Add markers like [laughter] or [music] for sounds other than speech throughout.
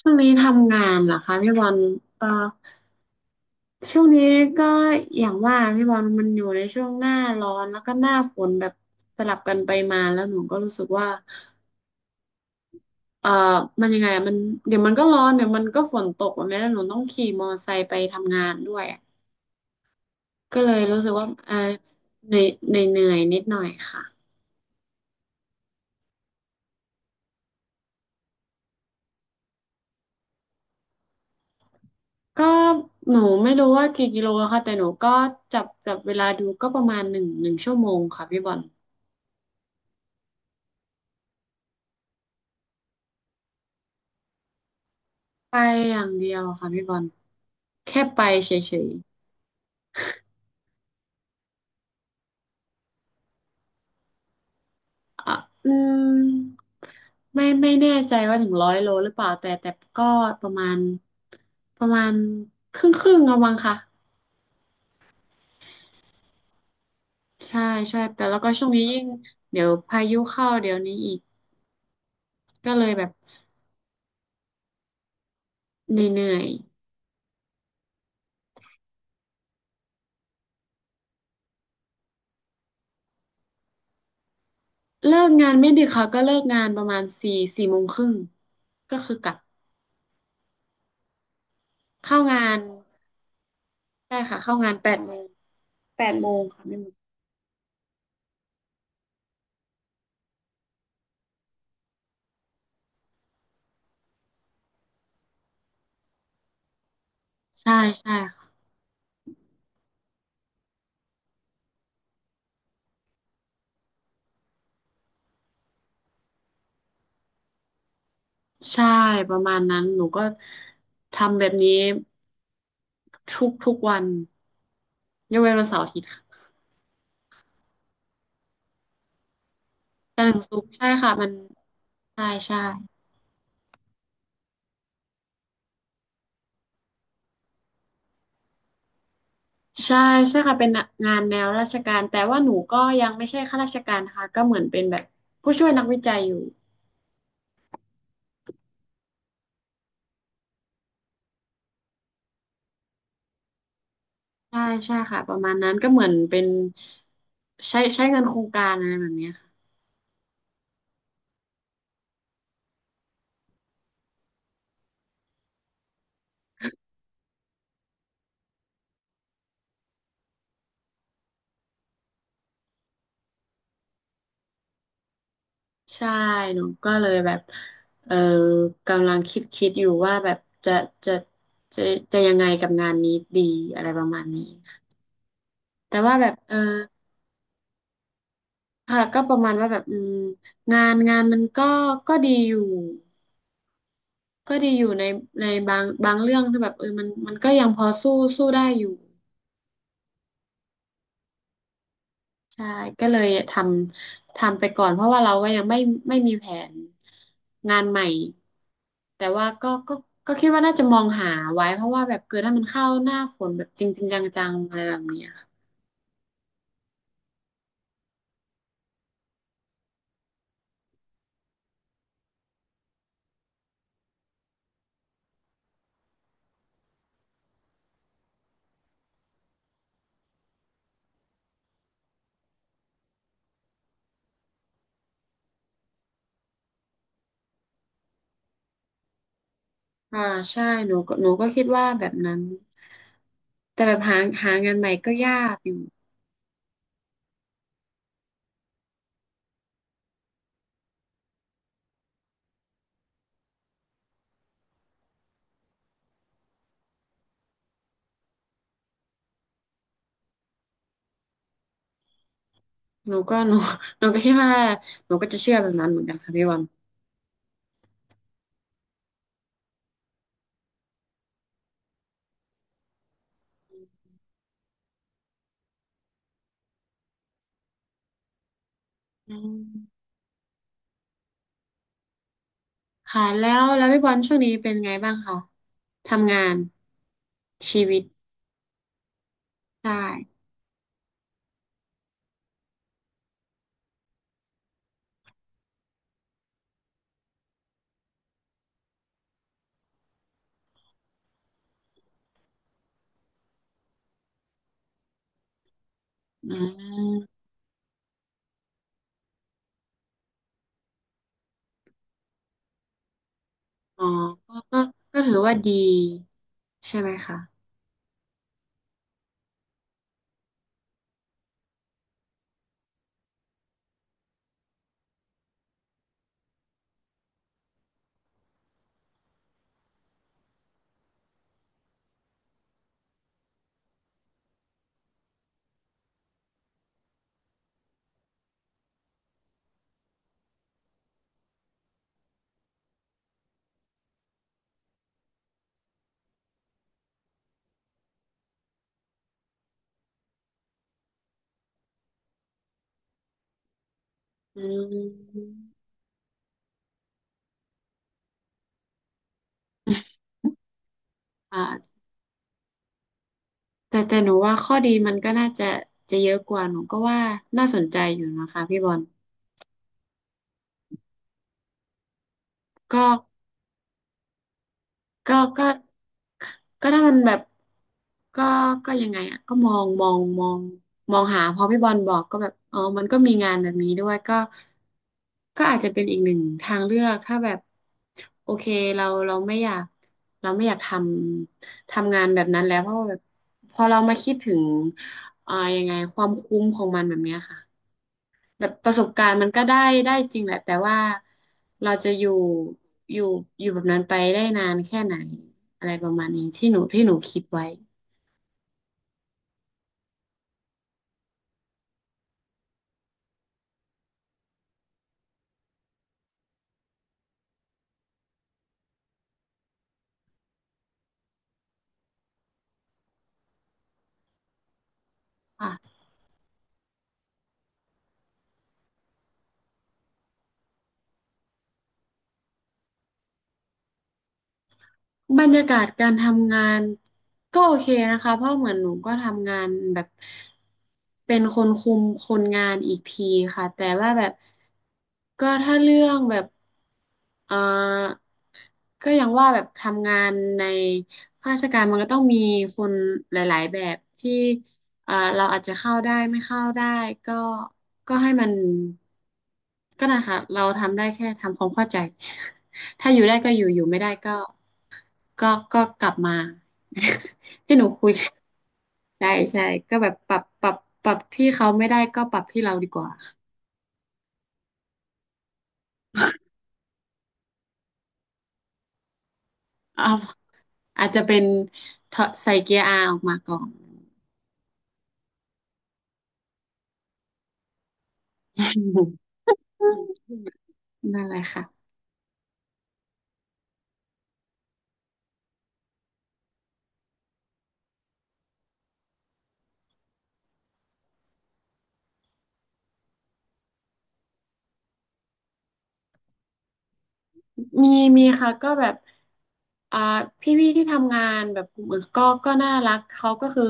ช่วงนี้ทำงานเหรอคะพี่บอลเอ่อช่วงนี้ก็อย่างว่าพี่บอลมันอยู่ในช่วงหน้าร้อนแล้วก็หน้าฝนแบบสลับกันไปมาแล้วหนูก็รู้สึกว่าเอ่อมันยังไงอะมันเดี๋ยวมันก็ร้อนเดี๋ยวมันก็ฝนตกแบบนี้แล้วหนูต้องขี่มอเตอร์ไซค์ไปทำงานด้วยอะก็เลยรู้สึกว่าเหนื่อยๆนิดหน่อยค่ะ ก็หนูไม่รู้ว่ากี่กิโลอะค่ะแต่หนูก็จับเวลาดูก็ประมาณหนึ่งชั่วโมงค่ะพี่บอลไปอย่างเดียวค่ะพี่บอล แค่ไปเฉยๆอ่ะอืมไม่แน่ใจว่าถึงร้อยโลหรือเปล่าแต่ก็ประมาณประมาณครึ่งเอามั้งค่ะใช่ใช่แต่แล้วก็ช่วงนี้ยิ่งเดี๋ยวพายุเข้าเดี๋ยวนี้อีกก็เลยแบบเหนื่อยๆเลิกงานไม่ดึกค่ะก็เลิกงานประมาณสี่โมงครึ่งก็คือกลับเข้างานได้ค่ะเข้างานแปดโมงแปดโมงค่ะไม่หมดใช่ใช่ค่ะใช่ประมาณนั้นหนูก็ทำแบบนี้ ทุกวันยกเว้นวันเสาร์อาทิตย์ค่ะจันทร์ถึงศุกร์ใช่ค่ะมันใช่ใช่ใช่ใช่ค่ะเป็นงานแนวราชการแต่ว่าหนูก็ยังไม่ใช่ข้าราชการนะคะก็เหมือนเป็นแบบผู้ช่วยนักวิจัยอยู่ใช่ใช่ค่ะประมาณนั้นก็เหมือนเป็นใช้เงินโครงการอะไรแบบเนี้ยค่ะใช่หนูก็เลยแบบเออกำลังคิดอยู่ว่าแบบจะจะจะจะยังไงกับงานนี้ดีอะไรประมาณนี้ค่ะแต่ว่าแบบค่ะก็ประมาณว่าแบบงานมันก็ก็ดีอยู่ก็ดีอยู่ในในบางเรื่องที่แบบมันก็ยังพอสู้ได้อยู่ใช่ก็เลยทำไปก่อนเพราะว่าเราก็ยังไม่มีแผนงานใหม่แต่ว่าก็ก็คิดว่าน่าจะมองหาไว้เพราะว่าแบบเกิดถ้ามันเข้าหน้าฝนแบบจริงจริงจังๆอะไรแบบเนี้ยค่ะอ่าใช่หนูก็คิดว่าแบบนั้นแต่แบบหางานใหม่ก็ยากอยู่ หนูก็หนู [laughs] หนูก็คิดว่าหนูก็จะเชื่อแบบนั้นเหมือนกันค่ะพี่บอลอืมค่ะแล้วพี่บอลช่วงนี้เป็นไงบ้างคะทำงานชีวิตได้อืมอ๋อก็ก็ถือว่าดีใช่ไหมคะอืมอ่า [laughs] แต่หนูว่าข้อดีมันก็น่าจะเยอะกว่าหนูก็ว่าน่าสนใจอยู่นะคะพี่บอลก็ ก็ก็ก็ถ้ามันแบบก็ก็ยังไงอ่ะก็มองหาพอพี่บอลบอกก็แบบอ๋อมันก็มีงานแบบนี้ด้วยก็อาจจะเป็นอีกหนึ่งทางเลือกถ้าแบบโอเคเราเราไม่อยากเราไม่อยากทำงานแบบนั้นแล้วเพราะว่าแบบพอเรามาคิดถึงยังไงความคุ้มของมันแบบเนี้ยค่ะ แบบประสบการณ์มันก็ได้จริงแหละแต่ว่าเราจะอยู่อยู่แบบนั้นไปได้นานแค่ไหนอะไรประมาณนี้ที่หนูคิดไว้ค่ะ บรรยากาศการทำงานก็โอเคนะคะเพราะเหมือนหนูก็ทำงานแบบเป็นคนคุมคนงานอีกทีค่ะแต่ว่าแบบก็ถ้าเรื่องแบบเอ่อก็ยังว่าแบบทำงานในข้าราชการมันก็ต้องมีคนหลายๆแบบที่เราอาจจะเข้าได้ไม่เข้าได้ก็ก็ให้มันก็นะคะเราทำได้แค่ทำความเข้าใจ [laughs] ถ้าอยู่ได้ก็อยู่ไม่ได้ก็ ก็ก็กลับมา [laughs] ที่หนูคุย [laughs] ได้ใช่ก็แบบปรับที่เขาไม่ได้ก็ปรับที่เราดีกว่า [laughs] เอาอาจจะเป็นถอดใส่เกียร์อาออกมาก่อน [laughs] นั่นแหละค่ะ มีมีค่ะก็แบบอ่าพี่ที่ทำงานแบบกลุ่มอื่นก็น่ารักเขาก็คือ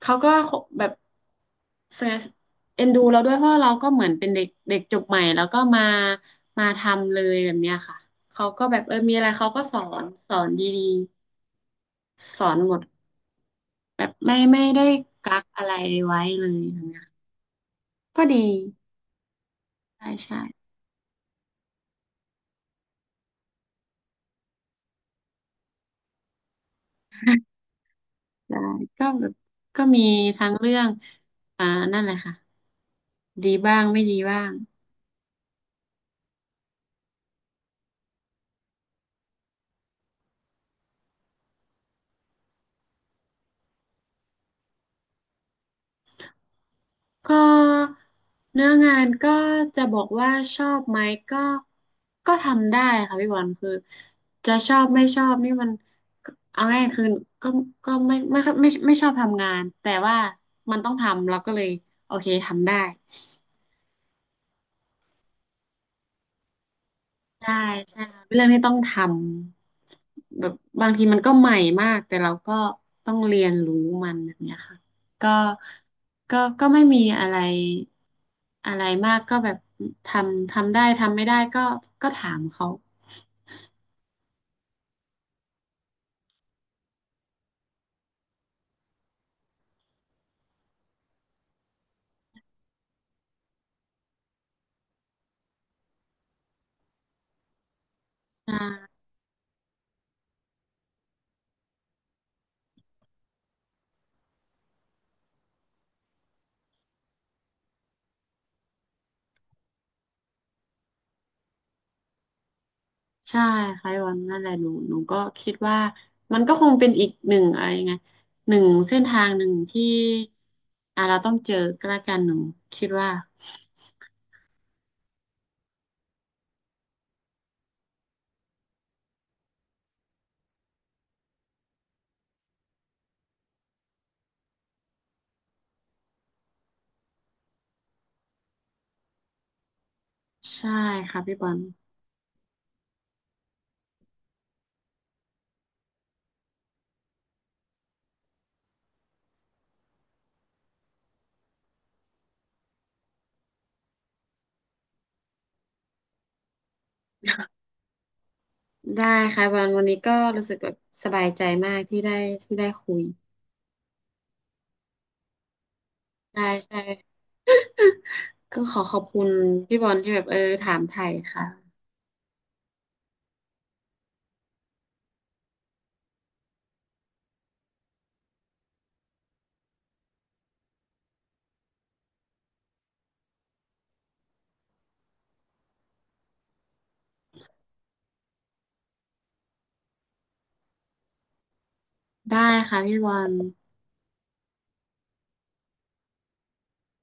เขาก็แบบเอ็นดูเราด้วยเพราะเราก็เหมือนเป็นเด็กเด็กจบใหม่แล้วก็มาทำเลยแบบเนี้ยค่ะเขาก็แบบมีอะไรเขาก็สอนดีๆสอนหมดแบบไม่ได้กักอะไรไว้เลยแบบเนี้ยก็ดีใช่ใช่ [laughs] ได้ก็แบบก็มีทั้งเรื่องอ่านั่นแหละค่ะ ดีบ้างไม่ดีบ้างก็เนื้องานก็จะบอกว่าชอบไหมก็ก็ทำได้ค่ะพี่บอลคือจะชอบไม่ชอบนี่มันเอาง่ายคือก็ก็ไม่ชอบทำงานแต่ว่ามันต้องทำเราก็เลยโอเคทำได้ ใช่ใช่ค่ะเป็นเรื่องที่ต้องทำแบบบางทีมันก็ใหม่มากแต่เราก็ต้องเรียนรู้มันแบบเนี้ยค่ะก็ก็ไม่มีอะไรอะไรมากก็แบบทำได้ทำไม่ได้ก็ถามเขาอ่าใช่ค่ะพี่วันนั่นแหละหนูก็คิดว่ามันก็คงเป็นอีกหนึ่งอะไรยังไงหนึ่งเส้นทางหนึ่งที่เราต้องเจอก็แล้วกันหนูคิดว่าใช่ค่ะพี่บอล ได้ค่ะวันนี้ก็รู้สึกแบบสบายใจมากที่ได้คุยได้ใช่ก็ขอขอบคุณพี่บอลที่แบบถามไถ่ค่ะได้ค่ะพี่บอล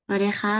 สวัสดีค่ะ